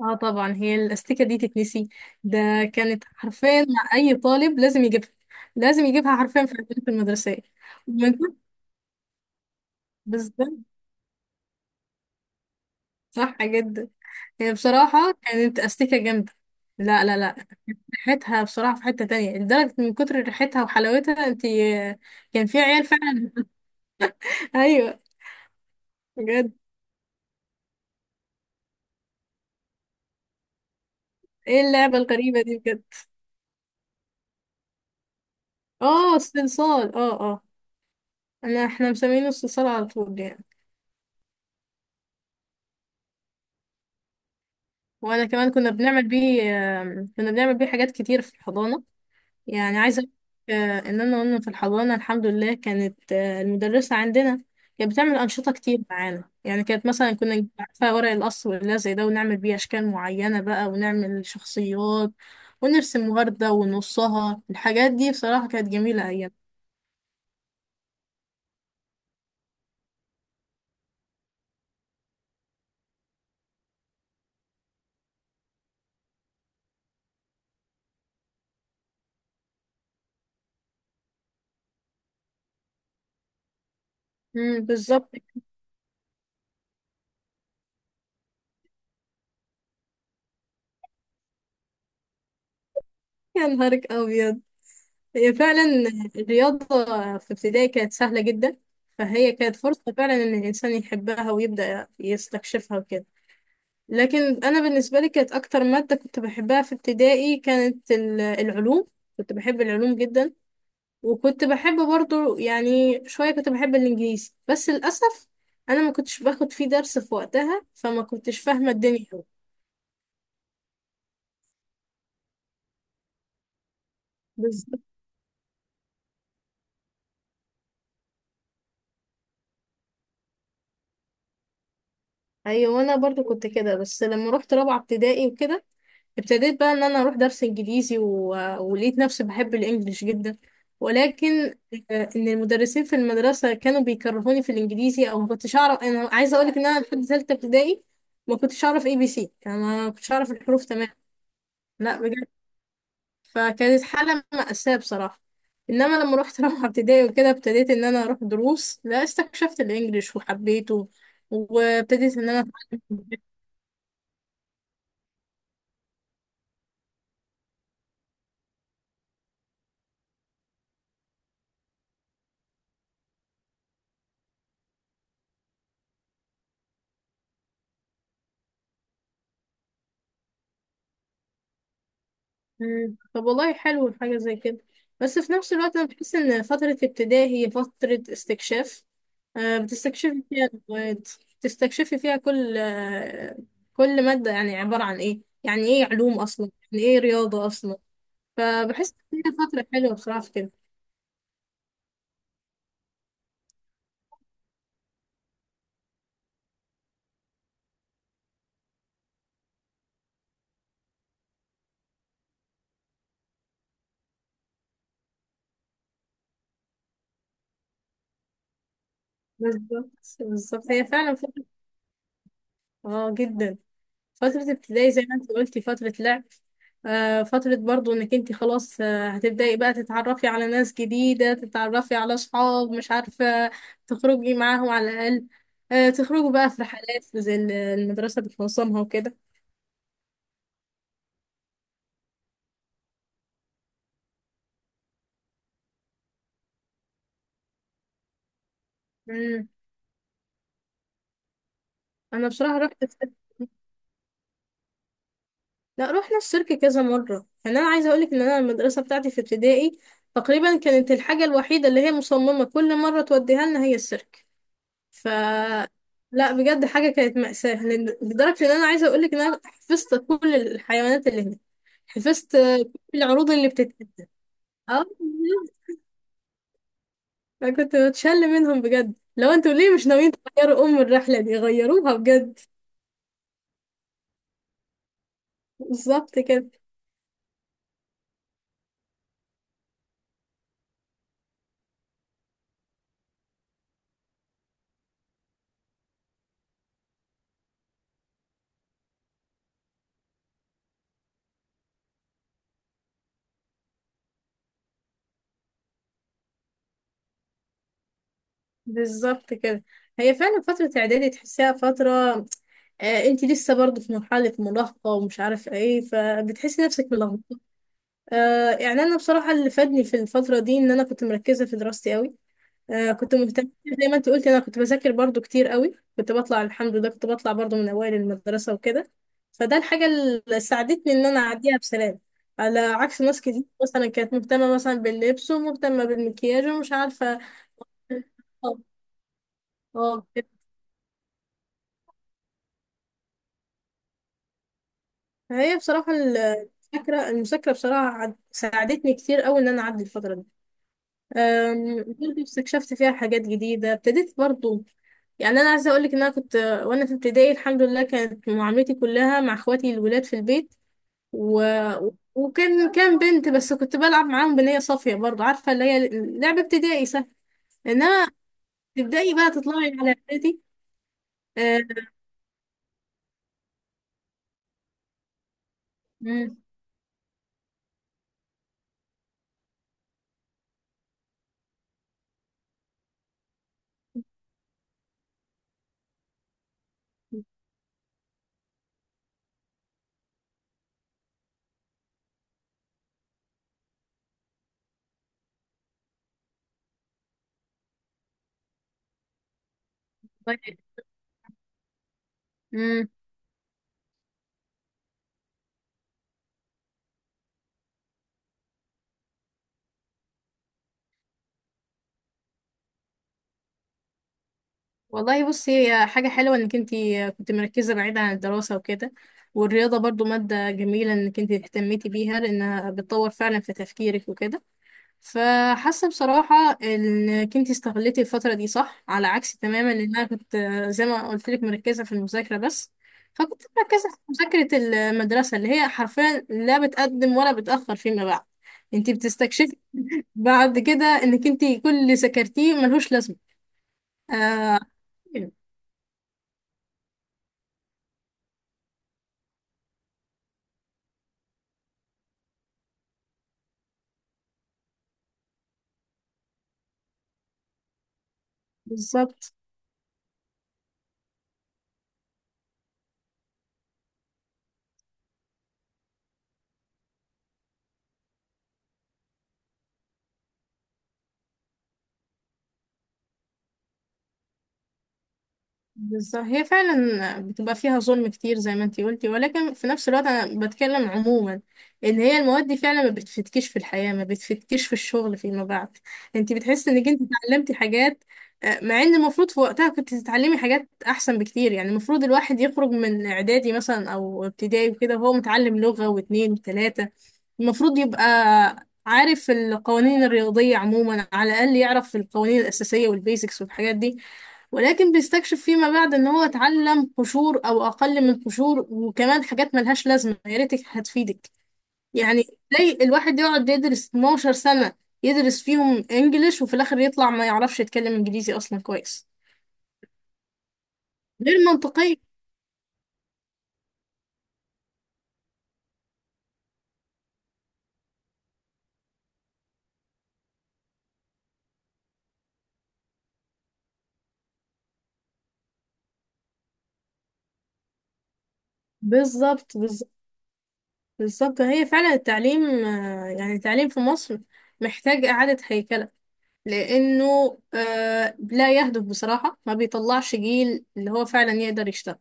اه طبعا هي الاستيكه دي تتنسي ده كانت حرفيا مع اي طالب لازم يجيبها حرفيا في البنك المدرسيه. ومن كتر- بالظبط، صح جدا. هي بصراحه كانت استيكه جامده. لا لا لا، ريحتها بصراحه في حته تانية لدرجه من كتر ريحتها وحلاوتها انت كان في عيال فعلا. ايوه، بجد؟ ايه اللعبه الغريبه دي بجد؟ اه استئصال، احنا مسمينه استئصال على طول يعني. وانا كمان كنا بنعمل بيه، حاجات كتير في الحضانه. يعني عايزة أقولك، إن أنا وأنا في الحضانة الحمد لله كانت، المدرسة عندنا كانت بتعمل أنشطة كتير معانا، يعني كانت مثلا كنا نجيب، عارفة، ورق القص واللزق زي ده ونعمل بيه أشكال معينة بقى ونعمل شخصيات ونرسم وردة ونصها. الحاجات دي بصراحة كانت جميلة أيام. بالظبط. يا نهارك أبيض! هي فعلا الرياضة في ابتدائي كانت سهلة جدا، فهي كانت فرصة فعلا إن الإنسان يحبها ويبدأ يستكشفها وكده. لكن انا بالنسبه لي كانت اكتر ماده كنت بحبها في ابتدائي كانت العلوم. كنت بحب العلوم جدا. وكنت بحب برضو، يعني شويه كنت بحب الانجليزي، بس للاسف انا ما كنتش باخد فيه درس في وقتها فما كنتش فاهمه الدنيا أوي. بالظبط. ايوه، وانا برضو كنت كده، بس لما رحت رابعه ابتدائي وكده ابتديت بقى ان انا اروح درس انجليزي ولقيت نفسي بحب الانجليش جدا. ولكن ان المدرسين في المدرسه كانوا بيكرهوني في الانجليزي، او ما كنتش اعرف. انا عايزه اقول لك ان انا لحد ثالثه ابتدائي ما كنتش اعرف اي بي سي، يعني ما كنتش اعرف الحروف تمام. لا بجد. فكانت حاله مأساة بصراحه. انما لما رحت رابعه ابتدائي وكده ابتديت ان انا اروح دروس، لا استكشفت الانجليش وحبيته، وابتديت ان انا أتعلم. مم. طب والله حلو حاجة زي كده. بس في نفس الوقت أنا بحس إن فترة ابتدائي هي فترة استكشاف. بتستكشفي فيها المواد، بتستكشفي فيها كل كل مادة، يعني عبارة عن إيه، يعني إيه علوم أصلا، يعني إيه رياضة أصلا. فبحس إن هي فترة حلوة بصراحة في كده. بالظبط بالظبط، هي فعلا فترة جدا. فترة ابتدائي زي ما انت قلتي فترة لعب، فترة برضو انك انت خلاص، هتبدأي بقى تتعرفي على ناس جديدة، تتعرفي على صحاب مش عارفة تخرجي معاهم على الأقل، تخرجوا بقى في رحلات زي المدرسة بتنظمها وكده. مم. انا بصراحة لا رحنا السيرك كذا مرة. يعني انا عايزة اقولك ان انا المدرسة بتاعتي في ابتدائي تقريبا كانت الحاجة الوحيدة اللي هي مصممة كل مرة توديها لنا هي السيرك. ف لا بجد حاجة كانت مأساة، لدرجة إن أنا عايزة أقولك إن أنا حفظت كل الحيوانات اللي هناك، حفظت كل العروض اللي بتتقدم. اه. فكنت بتشل منهم بجد، لو انتوا ليه مش ناويين تغيروا أم الرحلة دي غيروها بجد. بالظبط كده. بالظبط كده، هي فعلا فترة إعدادي تحسيها فترة، انت لسه برضه في مرحلة مراهقة ومش عارفة ايه، فبتحسي نفسك ملخبطة. يعني أنا بصراحة اللي فادني في الفترة دي إن أنا كنت مركزة في دراستي أوي. كنت مهتمة زي ما انت قلت، انا كنت بذاكر برضو كتير قوي، كنت بطلع الحمد لله كنت بطلع برضو من اوائل المدرسة وكده، فده الحاجة اللي ساعدتني ان انا اعديها بسلام، على عكس ناس كتير مثلا كانت مهتمة مثلا باللبس ومهتمة بالمكياج ومش عارفة. اه اه. هي بصراحة المذاكرة، المذاكرة بصراحة ساعدتني كتير قوي ان انا اعدي الفترة دي. برضه استكشفت فيها حاجات جديدة، ابتديت برضه، يعني أنا عايزة أقولك إن أنا كنت وأنا في ابتدائي الحمد لله كانت معاملتي كلها مع إخواتي الولاد في البيت و... وكان بنت بس كنت بلعب معاهم بنية صافية، برضه عارفة اللي هي لعبة ابتدائي سهل. إنما تبدأي بقى تطلعي على إعدادي. أه، مم، طيب. والله بصي هي حاجة حلوة انك انتي كنت مركزة بعيد عن الدراسة وكده. والرياضة برضو مادة جميلة انك انتي اهتميتي بيها لانها بتطور فعلا في تفكيرك وكده. فحاسة بصراحة انك انتي استغلتي الفترة دي صح، على عكس تماما ان انا كنت زي ما قلت لك مركزة في المذاكرة بس، فكنت مركزة في مذاكرة المدرسة اللي هي حرفيا لا بتقدم ولا بتأخر فيما بعد. انتي بتستكشفي بعد كده انك انتي كل اللي ذاكرتيه ملهوش لازمة. آه بالظبط بالظبط، هي فعلا بتبقى فيها ظلم كتير زي ما انتي قلتي، ولكن في نفس الوقت انا بتكلم عموما ان هي المواد دي فعلا ما بتفتكيش في الحياة، ما بتفتكيش في الشغل فيما بعد. انتي بتحسي انك انتي اتعلمتي حاجات، مع ان المفروض في وقتها كنت تتعلمي حاجات احسن بكتير. يعني المفروض الواحد يخرج من اعدادي مثلا او ابتدائي وكده وهو متعلم لغة واتنين وتلاتة، المفروض يبقى عارف القوانين الرياضية عموما، على الأقل يعرف القوانين الأساسية والبيزكس والحاجات دي. ولكن بيستكشف فيما بعد ان هو اتعلم قشور او اقل من قشور، وكمان حاجات ملهاش لازمه يا ريتك هتفيدك. يعني زي الواحد يقعد يدرس 12 سنه، يدرس فيهم انجليش وفي الاخر يطلع ما يعرفش يتكلم انجليزي اصلا كويس. غير منطقيه. بالظبط بالظبط. بالظبط هي فعلا التعليم، يعني التعليم في مصر محتاج اعاده هيكله، لانه، لا يهدف بصراحه، ما بيطلعش جيل اللي هو فعلا يقدر يشتغل.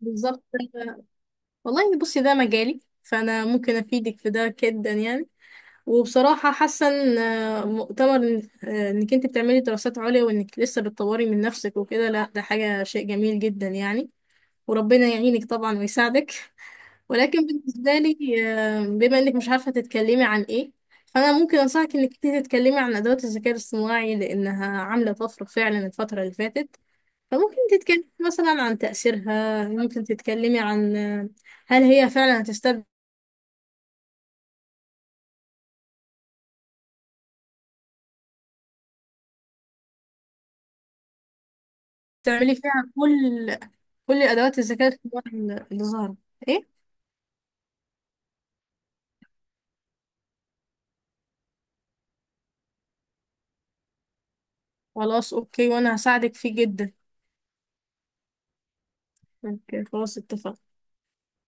بالظبط. والله بصي ده مجالي فانا ممكن افيدك في ده جدا يعني. وبصراحة حاسة ان، انك انت بتعملي دراسات عليا وانك لسه بتطوري من نفسك وكده، لا ده حاجة شيء جميل جدا يعني. وربنا يعينك طبعا ويساعدك. ولكن بالنسبة لي، بما انك مش عارفة تتكلمي عن ايه، فانا ممكن انصحك انك انت تتكلمي عن ادوات الذكاء الاصطناعي لانها عاملة طفرة فعلا الفترة اللي فاتت. فممكن تتكلمي مثلا عن تأثيرها، ممكن تتكلمي عن، هل هي فعلا هتستبدل. تعملي فيها كل الأدوات الذكاء الاصطناعي اللي ظهرت. إيه؟ خلاص أوكي، وأنا هساعدك فيه جدا. أوكي خلاص اتفقنا.